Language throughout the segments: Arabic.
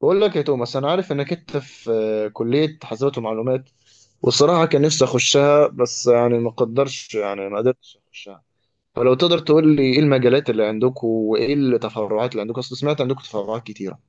بقول لك يا توماس، انا عارف انك انت في كلية حاسبات ومعلومات. والصراحة كان نفسي اخشها، بس يعني ما قدرش يعني ما قدرتش اخشها. فلو تقدر تقول لي ايه المجالات اللي عندكم وايه التفرعات اللي عندكم، اصل سمعت عندكم تفرعات كتيرة،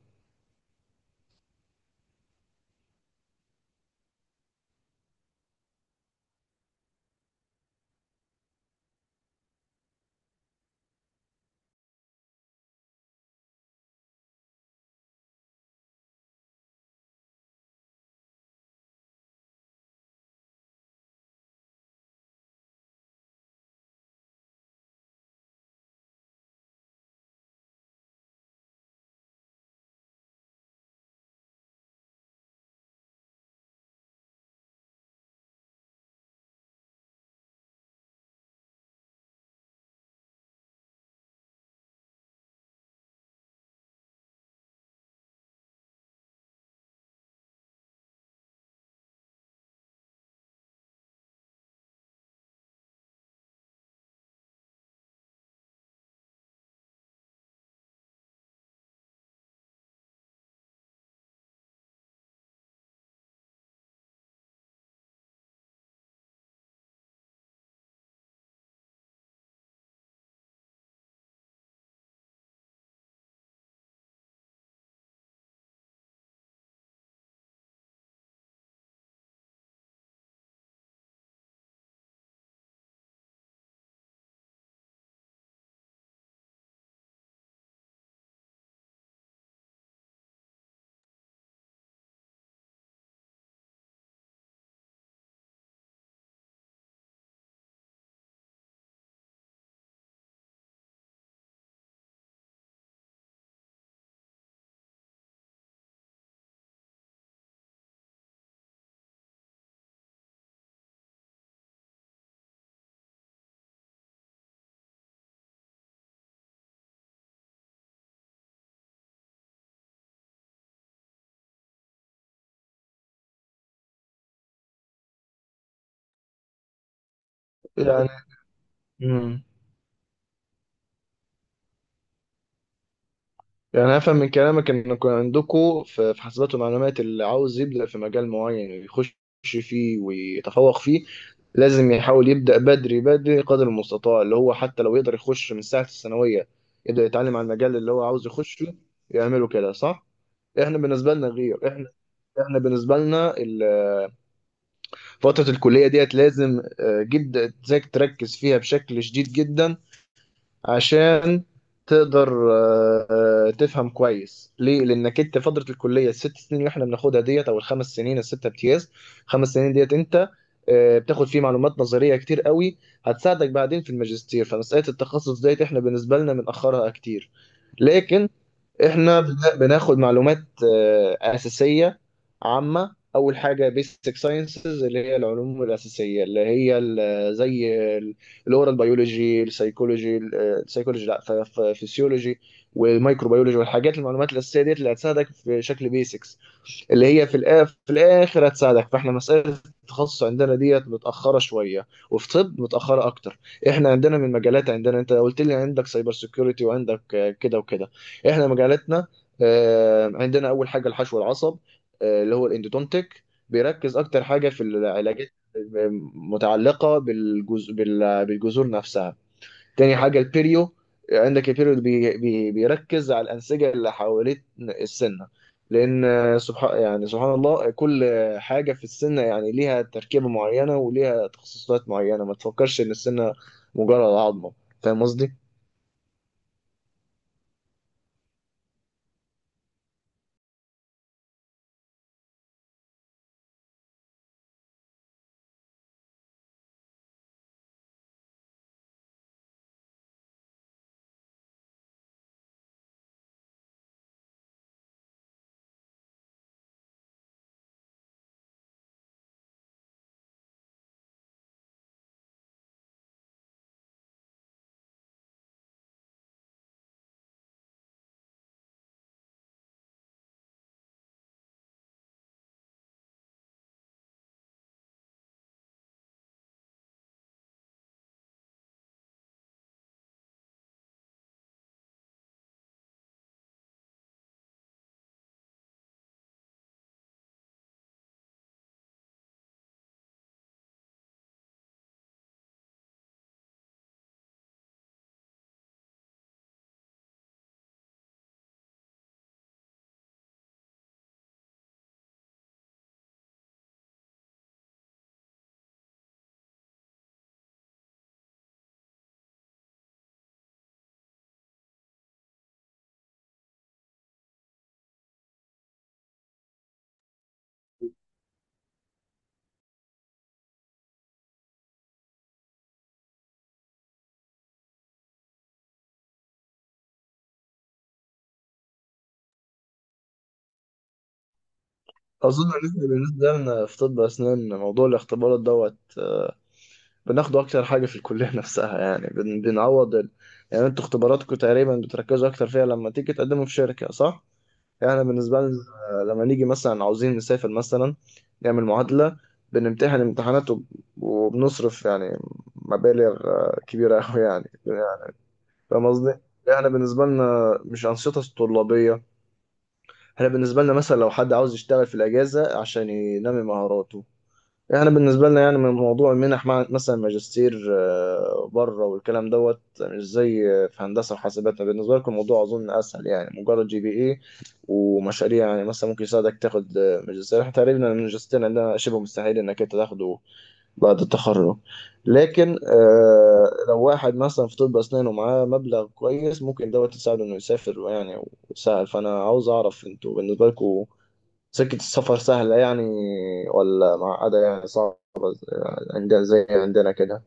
يعني. مم. يعني أنا أفهم من كلامك إنكم عندكم في حاسبات ومعلومات اللي عاوز يبدأ في مجال معين ويخش فيه ويتفوق فيه لازم يحاول يبدأ بدري بدري قدر المستطاع، اللي هو حتى لو يقدر يخش من ساعة الثانوية يبدأ يتعلم على المجال اللي هو عاوز يخشه، يعمله كده، صح؟ إحنا بالنسبة لنا غير. إحنا بالنسبة لنا فترة الكلية ديت لازم جدا إنك تركز فيها بشكل شديد جدا عشان تقدر تفهم كويس. ليه؟ لانك انت فتره الكليه ال6 سنين اللي احنا بناخدها ديت، او ال5 سنين، السته امتياز، 5 سنين ديت انت بتاخد فيه معلومات نظريه كتير قوي هتساعدك بعدين في الماجستير. فمساله التخصص ديت احنا بالنسبه لنا بنأخرها كتير. لكن احنا بناخد معلومات أساسية عامة. أول حاجة بيسك ساينسز اللي هي العلوم الأساسية، اللي هي زي الأورال بيولوجي، السيكولوجي لا، فسيولوجي، والميكروبيولوجي والحاجات المعلومات الأساسية ديت اللي هتساعدك في شكل بيسك، اللي هي في الاخر هتساعدك. فاحنا مساله التخصص عندنا ديت متاخره شويه، وفي طب متاخره اكتر. احنا عندنا من مجالات، عندنا انت قلت لي عندك سايبر سيكيورتي وعندك كده وكده. احنا مجالاتنا عندنا اول حاجه الحشو العصب، اللي هو الاندودونتيك، بيركز اكتر حاجه في العلاجات متعلقه بالجذور نفسها. تاني حاجة البيريو. عندك البيريو بي بي بيركز على الأنسجة اللي حوالين السنة، لأن سبحان الله، كل حاجة في السنة يعني ليها تركيبة معينة وليها تخصصات معينة. ما تفكرش إن السنة مجرد عظمة، فاهم قصدي؟ أظن إن إحنا بالنسبة لنا في طب أسنان موضوع الاختبارات دوت بناخده أكتر حاجة في الكلية نفسها، يعني بنعوض ال... يعني أنتوا اختباراتكم تقريبا بتركزوا أكتر فيها لما تيجي تقدموا في شركة، صح؟ يعني أنا بالنسبة لنا لما نيجي مثلا عاوزين نسافر مثلا، نعمل معادلة، بنمتحن امتحانات وبنصرف، يعني مبالغ كبيرة أوي يعني، فاهم قصدي؟ يعني احنا بالنسبة لنا مش أنشطة طلابية. احنا بالنسبة لنا مثلا لو حد عاوز يشتغل في الأجازة عشان ينمي مهاراته، احنا بالنسبة لنا يعني من موضوع المنح، مع مثلا ماجستير بره والكلام دوت، مش زي في هندسة وحاسبات. بالنسبة لكم الموضوع أظن أسهل، يعني مجرد GPA ومشاريع يعني، مثلا ممكن يساعدك تاخد ماجستير. احنا تقريبا الماجستير عندنا شبه مستحيل إنك أنت تاخده بعد التخرج. لكن لو واحد مثلا في طب أسنان ومعاه مبلغ كويس ممكن دوت يساعده إنه يسافر يعني، ويسهل. فأنا عاوز أعرف أنتوا بالنسبة لكم سكة السفر سهلة يعني، ولا معقدة يعني صعبة عندنا زي عندنا كده؟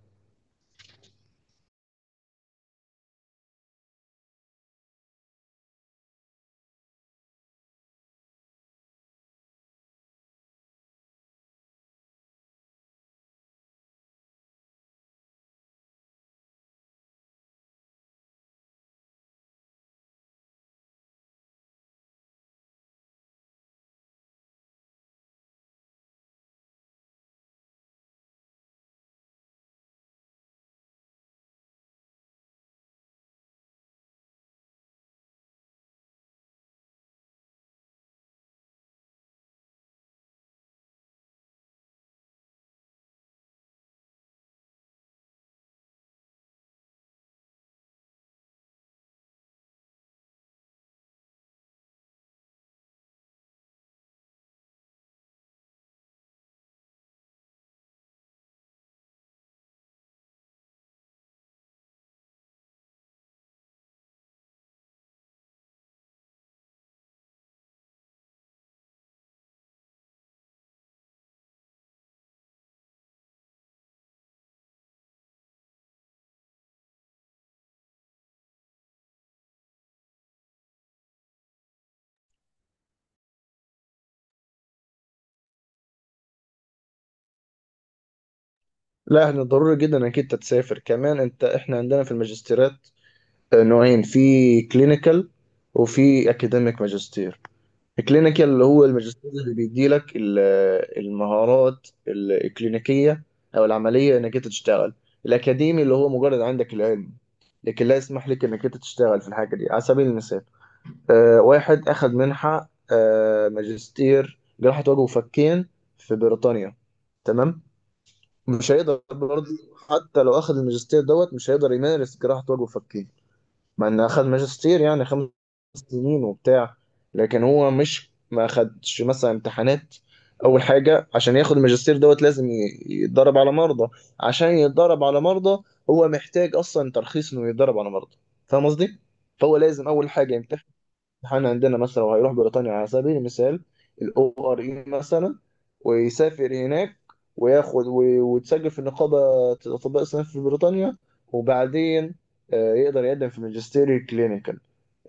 لا، احنا ضروري جدا انك انت تسافر كمان. انت احنا عندنا في الماجستيرات نوعين: في كلينيكال وفي اكاديميك ماجستير. الكلينيكال اللي هو الماجستير اللي بيديلك المهارات الكلينيكية او العملية انك انت تشتغل. الاكاديمي اللي هو مجرد عندك العلم، لكن لا يسمح لك انك انت تشتغل في الحاجة دي. على سبيل المثال، واحد اخذ منحة ماجستير جراحة وجه وفكين في بريطانيا، تمام. مش هيقدر برضه، حتى لو اخذ الماجستير دوت مش هيقدر يمارس جراحة وجه وفكين، مع ان اخذ ماجستير يعني 5 سنين وبتاع. لكن هو مش ما اخدش مثلا امتحانات. اول حاجة عشان ياخد الماجستير دوت لازم يتدرب على مرضى. عشان يتدرب على مرضى، هو محتاج اصلا ترخيص انه يتدرب على مرضى، فاهم قصدي؟ فهو لازم اول حاجة يمتحن. احنا عندنا مثلا لو هيروح بريطانيا على سبيل المثال، الORE مثلا، ويسافر هناك وياخد ويتسجل في نقابة أطباء أسنان في بريطانيا، وبعدين يقدر يقدم في ماجستير كلينيكال.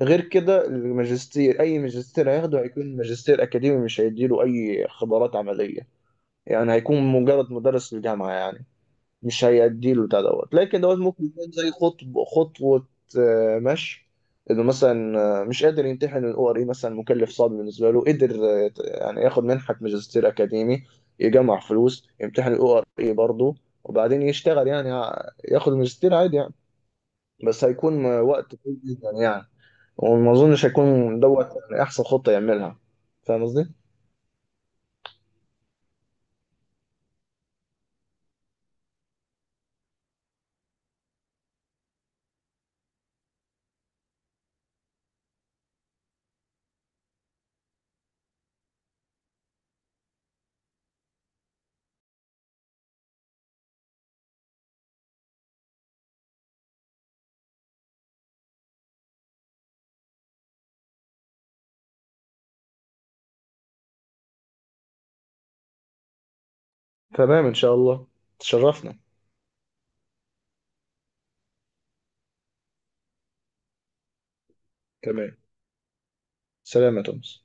غير كده الماجستير، أي ماجستير هياخده هيكون ماجستير أكاديمي، مش هيديله أي خبرات عملية، يعني هيكون مجرد مدرس في الجامعة يعني، مش هيأديله بتاع دوت. لكن دوت ممكن يكون زي خطوة مشي، انه مثلا مش قادر يمتحن الORE مثلا، مكلف صعب بالنسبه له، قدر ياخد منحه ماجستير اكاديمي، يجمع فلوس، يمتحن الاو ار اي برضه، وبعدين يشتغل يعني، ياخد ماجستير عادي يعني. بس هيكون وقت طويل جدا يعني، وما اظنش هيكون دوت يعني احسن خطه يعملها، فاهم قصدي؟ تمام ان شاء الله، تشرفنا. تمام، سلام يا توماس.